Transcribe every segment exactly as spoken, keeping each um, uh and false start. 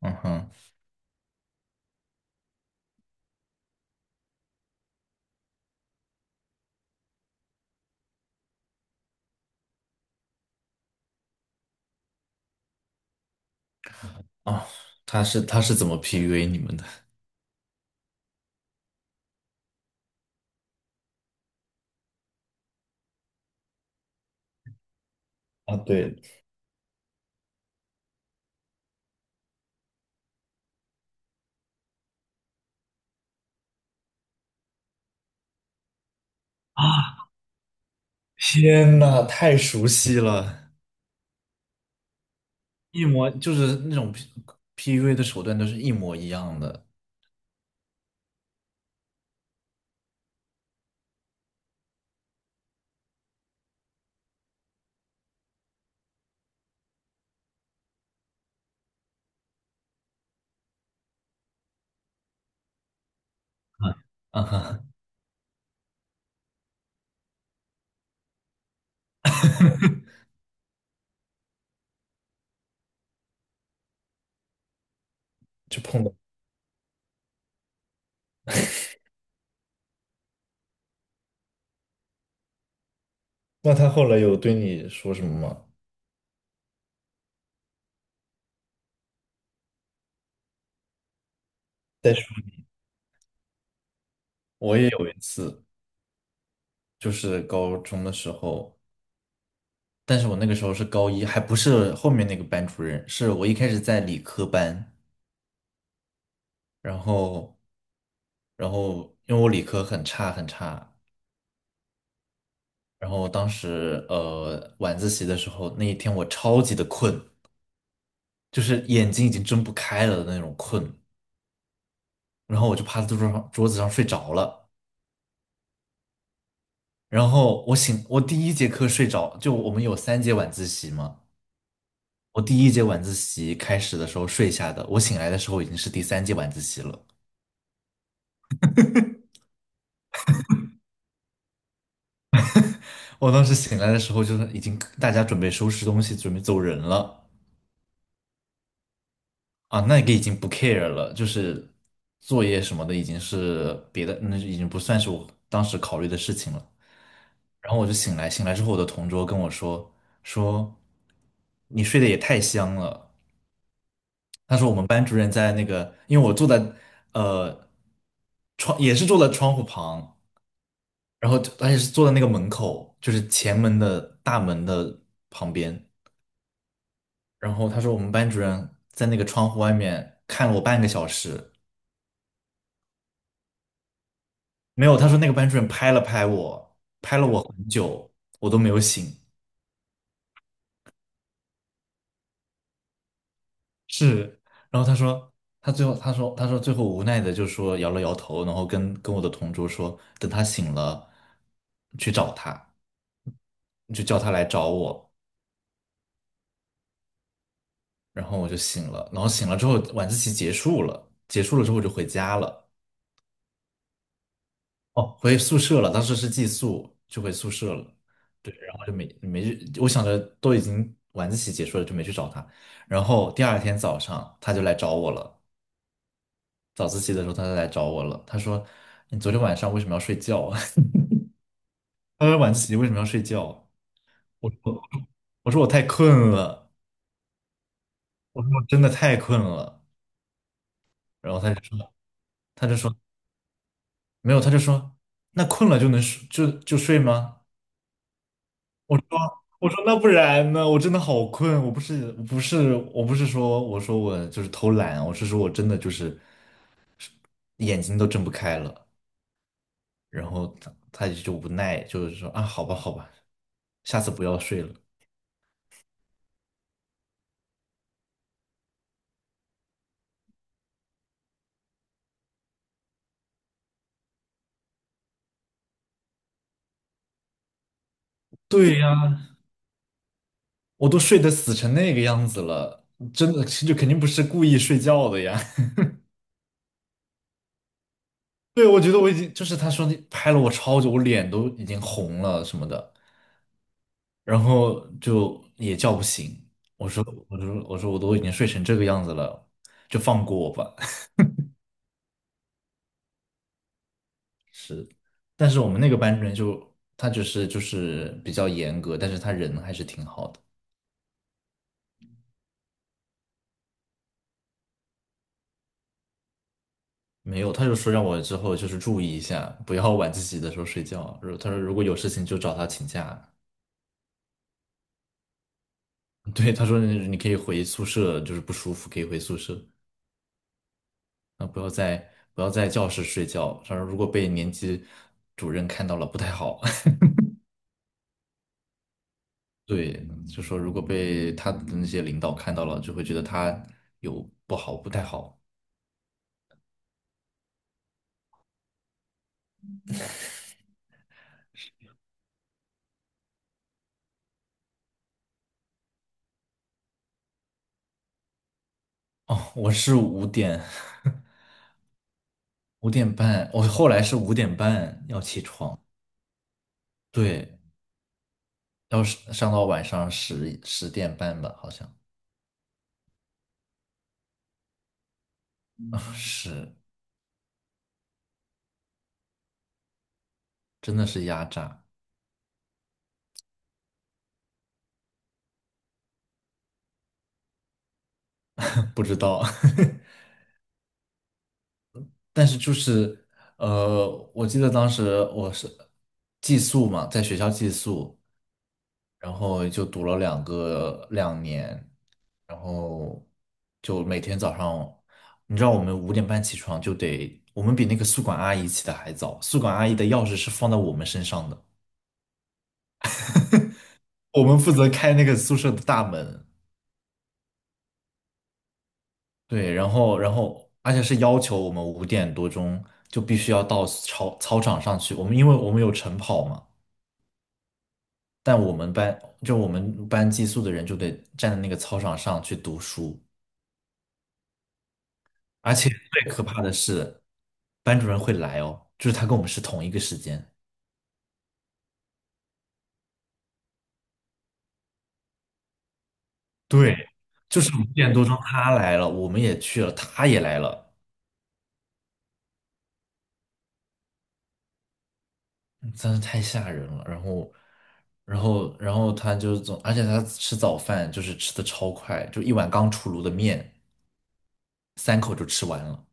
嗯哼。啊，他是他是怎么 P U A 你们的？啊，对。啊，天呐，太熟悉了。一模就是那种 P u a 的手段都是一模一样的。嗯。啊哈。就碰到。那他后来有对你说什么吗？再说，我也有一次，就是高中的时候，但是我那个时候是高一，还不是后面那个班主任，是我一开始在理科班，然后，然后因为我理科很差很差。然后当时呃晚自习的时候，那一天我超级的困，就是眼睛已经睁不开了的那种困。然后我就趴在桌子上桌子上睡着了。然后我醒，我第一节课睡着，就我们有三节晚自习嘛，我第一节晚自习开始的时候睡下的，我醒来的时候已经是第三节晚自习了。我当时醒来的时候，就是已经大家准备收拾东西，准备走人了。啊，那个已经不 care 了，就是作业什么的已经是别的，那已经不算是我当时考虑的事情了。然后我就醒来，醒来之后我的同桌跟我说，说你睡得也太香了。他说我们班主任在那个，因为我坐在呃窗也是坐在窗户旁，然后而且是坐在那个门口，就是前门的大门的旁边。然后他说我们班主任在那个窗户外面看了我半个小时。没有，他说那个班主任拍了拍我，拍了我很久，我都没有醒。是。然后他说，他最后他说他说最后无奈的就说摇了摇头，然后跟跟我的同桌说，等他醒了去找他，就叫他来找我。然后我就醒了，然后醒了之后晚自习结束了，结束了之后我就回家了。哦，回宿舍了，当时是寄宿，就回宿舍了。对，然后就没没去，我想着都已经晚自习结束了，就没去找他。然后第二天早上他就来找我了，早自习的时候他就来找我了。他说："你昨天晚上为什么要睡觉啊？" 他说："晚自习为什么要睡觉啊？"我说："我说我太困了，我说我真的太困了。"然后他就说：“他就说没有，他就说那困了就能睡就就睡吗？"我说，我说那不然呢？我真的好困，我不是我不是我不是说我说我就是偷懒，我是说我真的就是眼睛都睁不开了。然后他他就无奈，就是说啊，好吧好吧，下次不要睡了。对呀，我都睡得死成那个样子了，真的就肯定不是故意睡觉的呀。对，我觉得我已经就是他说你拍了我超久，我脸都已经红了什么的。然后就也叫不醒。我说，我说，我说，我都已经睡成这个样子了，就放过我吧。但是我们那个班主任就他就是就是比较严格，但是他人还是挺好的。没有，他就说让我之后就是注意一下，不要晚自习的时候睡觉。如他说如果有事情就找他请假。对，他说你你可以回宿舍，就是不舒服可以回宿舍。啊，不要在不要在教室睡觉。他说如果被年级主任看到了不太好。对，就说如果被他的那些领导看到了，就会觉得他有不好，不太好。哦，我是五点， 五点半，我后来是五点半要起床。对，要是上到晚上十十点半吧，好像。啊，是。真的是压榨。不知道。但是就是呃，我记得当时我是寄宿嘛，在学校寄宿，然后就读了两个两年，然后就每天早上，你知道我们五点半起床就得，我们比那个宿管阿姨起的还早，宿管阿姨的钥匙是放在我们身上的，我们负责开那个宿舍的大门。对，然后然后而且是要求我们五点多钟就必须要到操操场上去，我们因为我们有晨跑嘛。但我们班就我们班寄宿的人就得站在那个操场上去读书。而且最可怕的是，班主任会来哦，就是他跟我们是同一个时间。对，就是五点多钟他来了，我们也去了，他也来了，嗯真是太吓人了。然后，然后，然后他就总，而且他吃早饭就是吃的超快，就一碗刚出炉的面，三口就吃完了。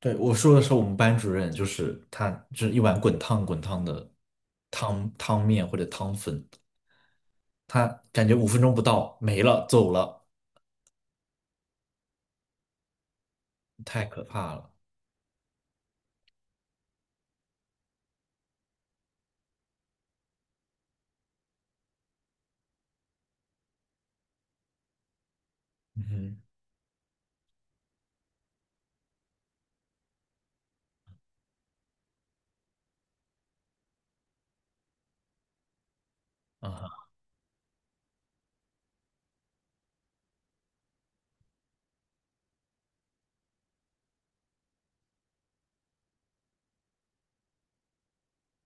对，我说的是我们班主任，就是他，就是一碗滚烫滚烫的汤汤面或者汤粉，他感觉五分钟不到没了，走了，太可怕了。嗯哼。啊，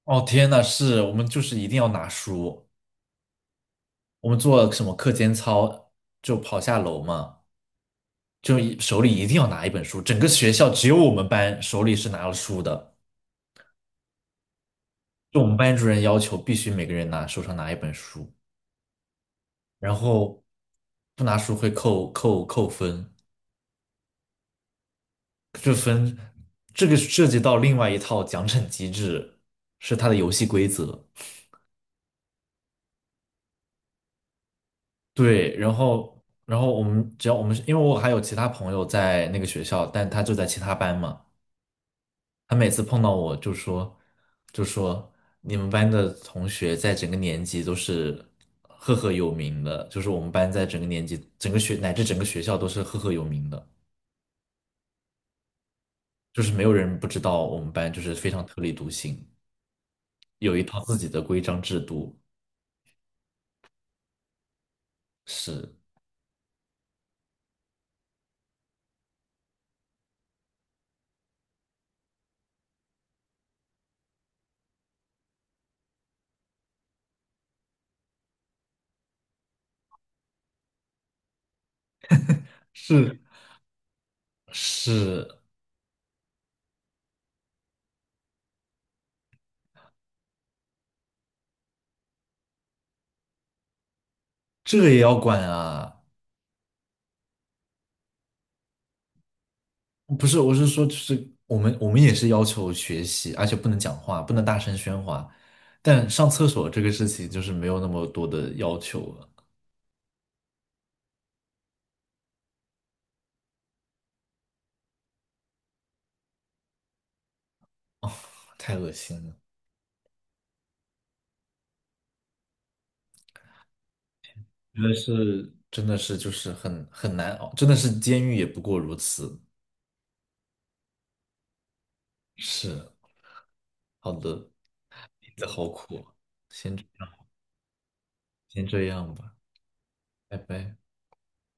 哦天呐，是我们就是一定要拿书，我们做什么课间操就跑下楼嘛，就一手里一定要拿一本书，整个学校只有我们班手里是拿了书的。就我们班主任要求必须每个人拿手上拿一本书，然后不拿书会扣扣扣分。这分这个涉及到另外一套奖惩机制，是它的游戏规则。对，然后然后我们只要我们是，因为我还有其他朋友在那个学校，但他就在其他班嘛。他每次碰到我就说，就说你们班的同学在整个年级都是赫赫有名的，就是我们班在整个年级、整个学乃至整个学校都是赫赫有名的，就是没有人不知道我们班就是非常特立独行，有一套自己的规章制度。是是是，这也要管啊。不是，我是说，就是我们我们也是要求学习，而且不能讲话，不能大声喧哗。但上厕所这个事情就是没有那么多的要求了。哦，太恶心了。真的是真的是就是很很难熬，真的是监狱也不过如此。是。好的。日子好苦啊。先这样，先这样吧。拜拜。